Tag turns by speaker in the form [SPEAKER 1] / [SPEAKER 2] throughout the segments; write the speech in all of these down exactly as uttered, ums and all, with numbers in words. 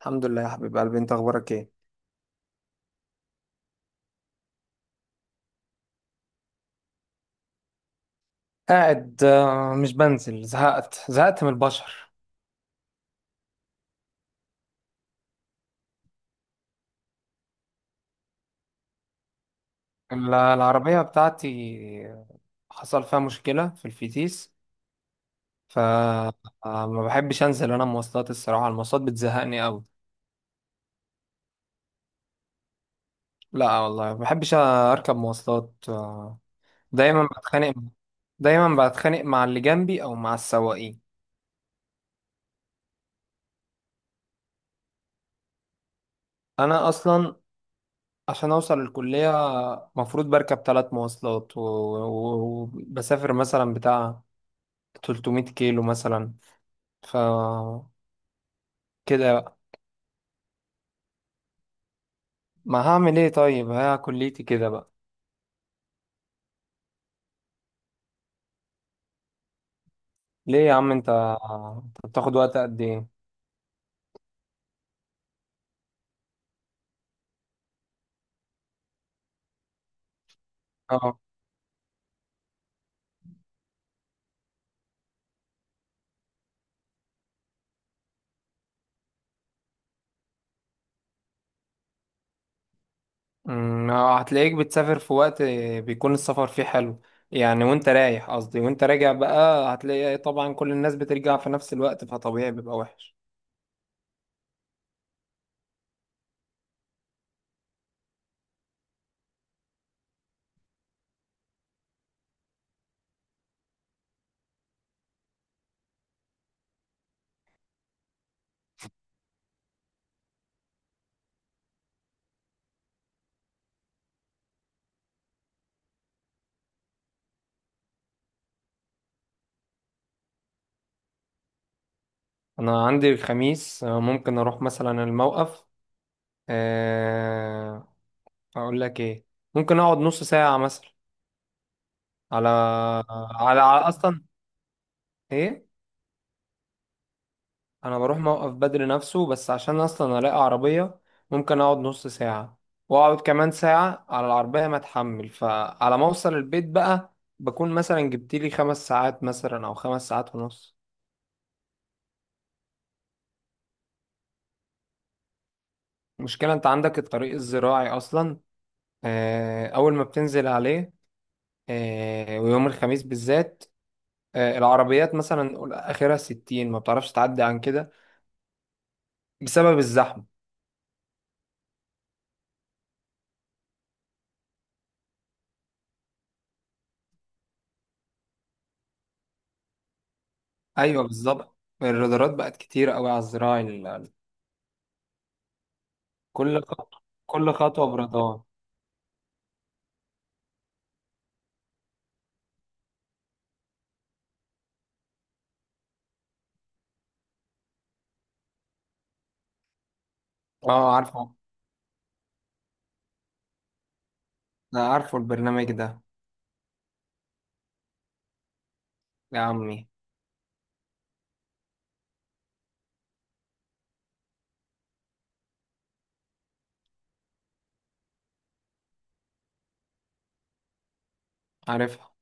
[SPEAKER 1] الحمد لله يا حبيب قلبي، انت اخبارك ايه؟ قاعد، آه، مش بنزل. زهقت زهقت من البشر. ال- العربية بتاعتي حصل فيها مشكلة في الفتيس، فما بحبش انزل. انا مواصلات، الصراحة المواصلات بتزهقني قوي. لا والله، ما بحبش اركب مواصلات. آه، دايما بتخانق، دايما بتخانق مع اللي جنبي او مع السواقين. انا اصلا عشان اوصل الكلية مفروض بركب ثلاث مواصلات و- و- وبسافر مثلا بتاع ثلاث ميت كيلو مثلا. ف كده بقى، ما هعمل ايه؟ طيب ها، كليتي كده بقى. ليه يا عم؟ انت انت بتاخد وقت قد ايه؟ اه. أمم، هتلاقيك بتسافر في وقت بيكون السفر فيه حلو، يعني وانت رايح، قصدي وانت راجع بقى هتلاقي طبعا كل الناس بترجع في نفس الوقت، فطبيعي بيبقى وحش. انا عندي الخميس. آه، ممكن اروح مثلا الموقف. آه، اقول لك ايه، ممكن اقعد نص ساعة مثلا على على على اصلا. ايه، انا بروح موقف بدري نفسه بس عشان اصلا الاقي عربية. ممكن اقعد نص ساعة، واقعد كمان ساعة على العربية ما اتحمل. فعلى ما اوصل البيت بقى بكون مثلا جبت لي خمس ساعات مثلا او خمس ساعات ونص. المشكلة، انت عندك الطريق الزراعي اصلا. آه، اول ما بتنزل عليه، آه، ويوم الخميس بالذات آه، العربيات مثلا نقول اخرها ستين، ما بتعرفش تعدي عن كده بسبب الزحمة. ايوه بالظبط، الرادارات بقت كتير قوي على الزراعي. كل خطوة، كل خطوة برضاه. اه عارفه، انا عارفه البرنامج ده. يا عمي. عارفها.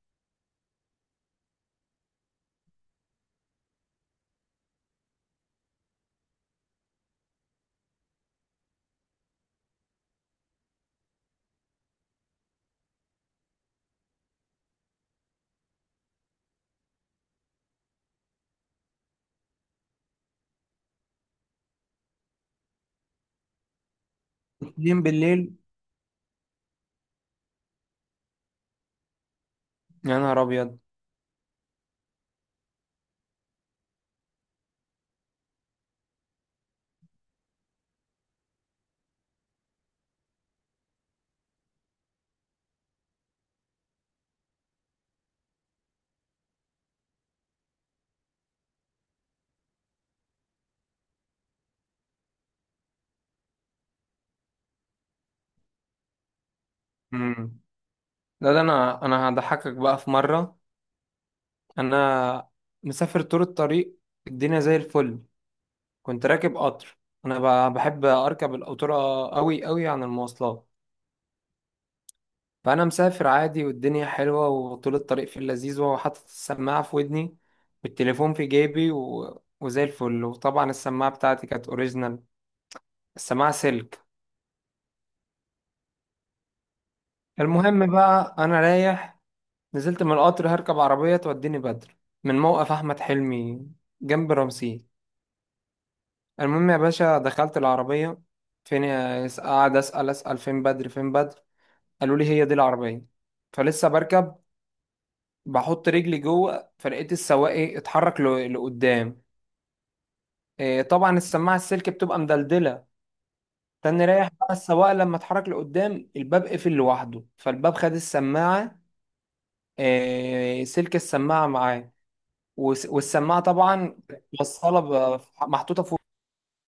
[SPEAKER 1] اتنين بالليل. يا نهار ابيض. امم لا، ده انا انا هضحكك بقى في مرة. انا مسافر طول الطريق، الدنيا زي الفل. كنت راكب قطر. انا ب- بحب اركب القطورة قوي قوي عن المواصلات. فانا مسافر عادي والدنيا حلوة وطول الطريق في اللذيذ، وحاطط السماعة في ودني والتليفون في جيبي و... وزي الفل. وطبعا السماعة بتاعتي كانت اوريجينال، السماعة سلك. المهم بقى، أنا رايح نزلت من القطر، هركب عربية توديني بدر من موقف أحمد حلمي جنب رمسيس. المهم يا باشا، دخلت العربية، فين يا- قاعد أسأل أسأل فين بدر، فين بدر. قالوا لي هي دي العربية. فلسه بركب، بحط رجلي جوه، فلقيت السواق إيه، اتحرك ل- لقدام. إيه، طبعا السماعة السلك بتبقى مدلدلة. تاني رايح بقى السواق لما اتحرك لقدام الباب قفل لوحده، فالباب خد السماعة. آه، سلك السماعة معاه. والس- والسماعة طبعا موصلة، ب- محطوطة فوق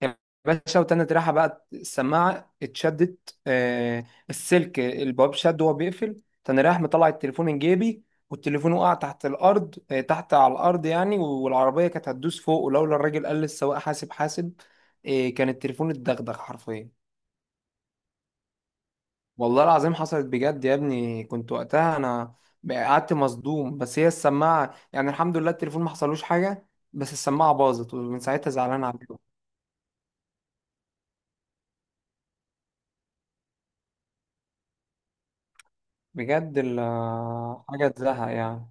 [SPEAKER 1] يا باشا. وتاني ريحة بقى السماعة اتشدت. آه، السلك الباب شد وهو بيقفل. تاني رايح مطلع التليفون من جيبي، والتليفون وقع تحت الأرض. آه، تحت على الأرض يعني، والعربية كانت هتدوس فوق. ولولا الراجل قال للسواق حاسب، حاسب، آه، كان التليفون اتدغدغ حرفيا. والله العظيم حصلت بجد يا ابني، كنت وقتها انا قعدت مصدوم. بس هي السماعه يعني، الحمد لله التليفون ما حصلوش حاجه، بس السماعه باظت ومن ساعتها زعلان عليهم بجد. ال- حاجه تزهق يعني.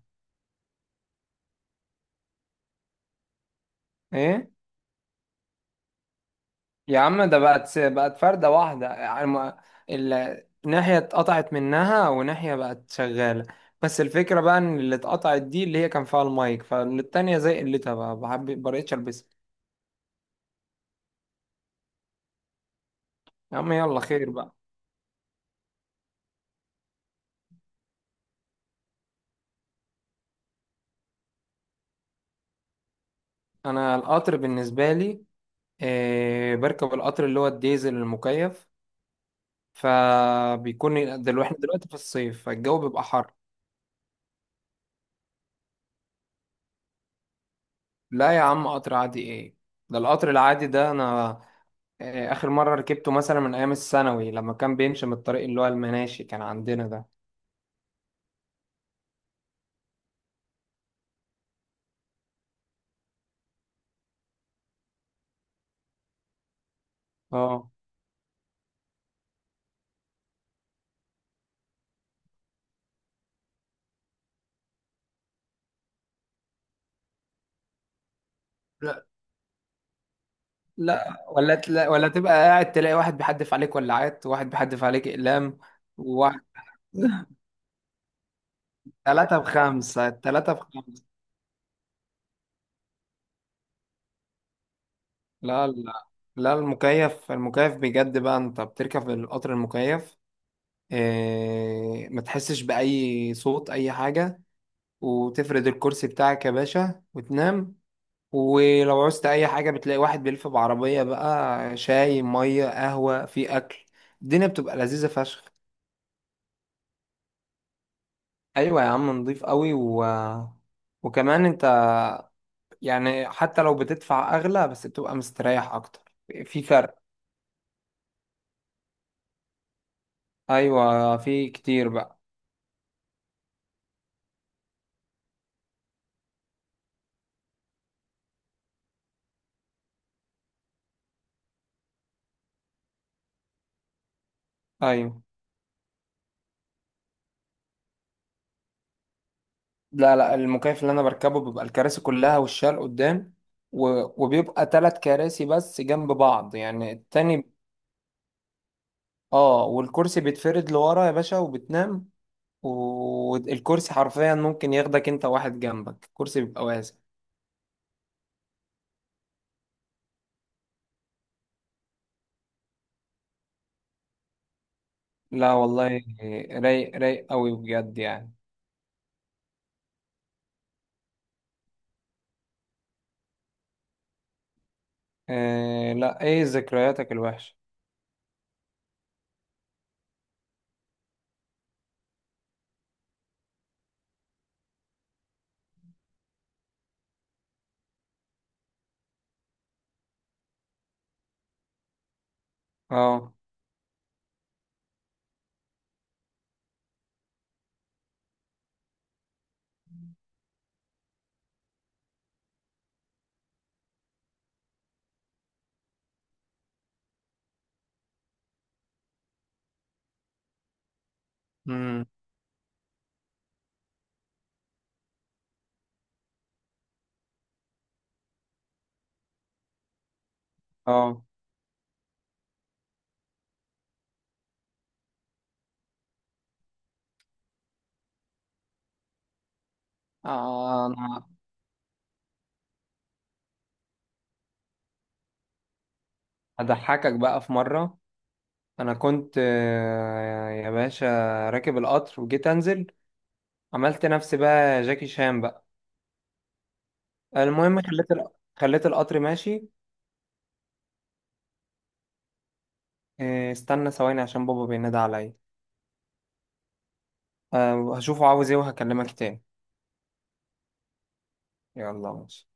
[SPEAKER 1] ايه. يا عم ده بقت بقت فرده واحده يعني، ما- ال- ناحيه اتقطعت منها وناحيه بقت شغاله. بس الفكره بقى ان اللي اتقطعت دي اللي هي كان فيها المايك، فالتانيه زي قلتها بقى بحب- ما بقتش البسها. يا عم يلا خير بقى. انا القطر بالنسبه لي، آه، بركب القطر اللي هو الديزل المكيف، فبيكون دلوقتي احنا دلوقتي في الصيف فالجو بيبقى حر. لا يا عم، قطر عادي ايه؟ ده القطر العادي ده انا آه، اخر مرة ركبته مثلا من ايام الثانوي، لما كان بيمشي من الطريق اللي هو المناشي كان عندنا ده. اه. لا، لا ولا تلا، ولا تبقى قاعد تلاقي واحد بيحدف عليك ولاعات، وواحد بيحدف عليك اقلام، وواحد ثلاثة بخمسة، ثلاثة بخمسة. لا، لا لا، المكيف المكيف بجد بقى. انت بتركب القطر المكيف، آه، ما تحسش بأي صوت، أي حاجة. وتفرد الكرسي بتاعك يا باشا وتنام. ولو عوزت أي حاجة بتلاقي واحد بيلف بعربية بقى، شاي، مية، قهوة، في أكل. الدنيا بتبقى لذيذة فشخ. أيوة يا عم، نضيف قوي و... وكمان أنت يعني، حتى لو بتدفع أغلى بس بتبقى مستريح أكتر. في فرق. أيوة في كتير بقى. أيوة. لا، لا، المكيف اللي انا بركبه بيبقى الكراسي كلها والشال قدام، و... وبيبقى ثلاث كراسي بس جنب بعض يعني التاني. اه، والكرسي بيتفرد لورا يا باشا، وبتنام. والكرسي حرفيا ممكن ياخدك انت واحد جنبك، الكرسي بيبقى واسع. لا والله، رايق رايق قوي بجد يعني. إيه؟ لا، ايه ذكرياتك الوحشة؟ اه. امم. اه. آه، انا هضحكك بقى في مرة. انا كنت آه، يا باشا راكب القطر وجيت انزل، عملت نفسي بقى جاكي شان بقى. المهم خليت ال... خليت القطر ماشي. آه، استنى ثواني عشان بابا بينادي عليا. آه، هشوفه عاوز ايه وهكلمك تاني. يلا ماشي.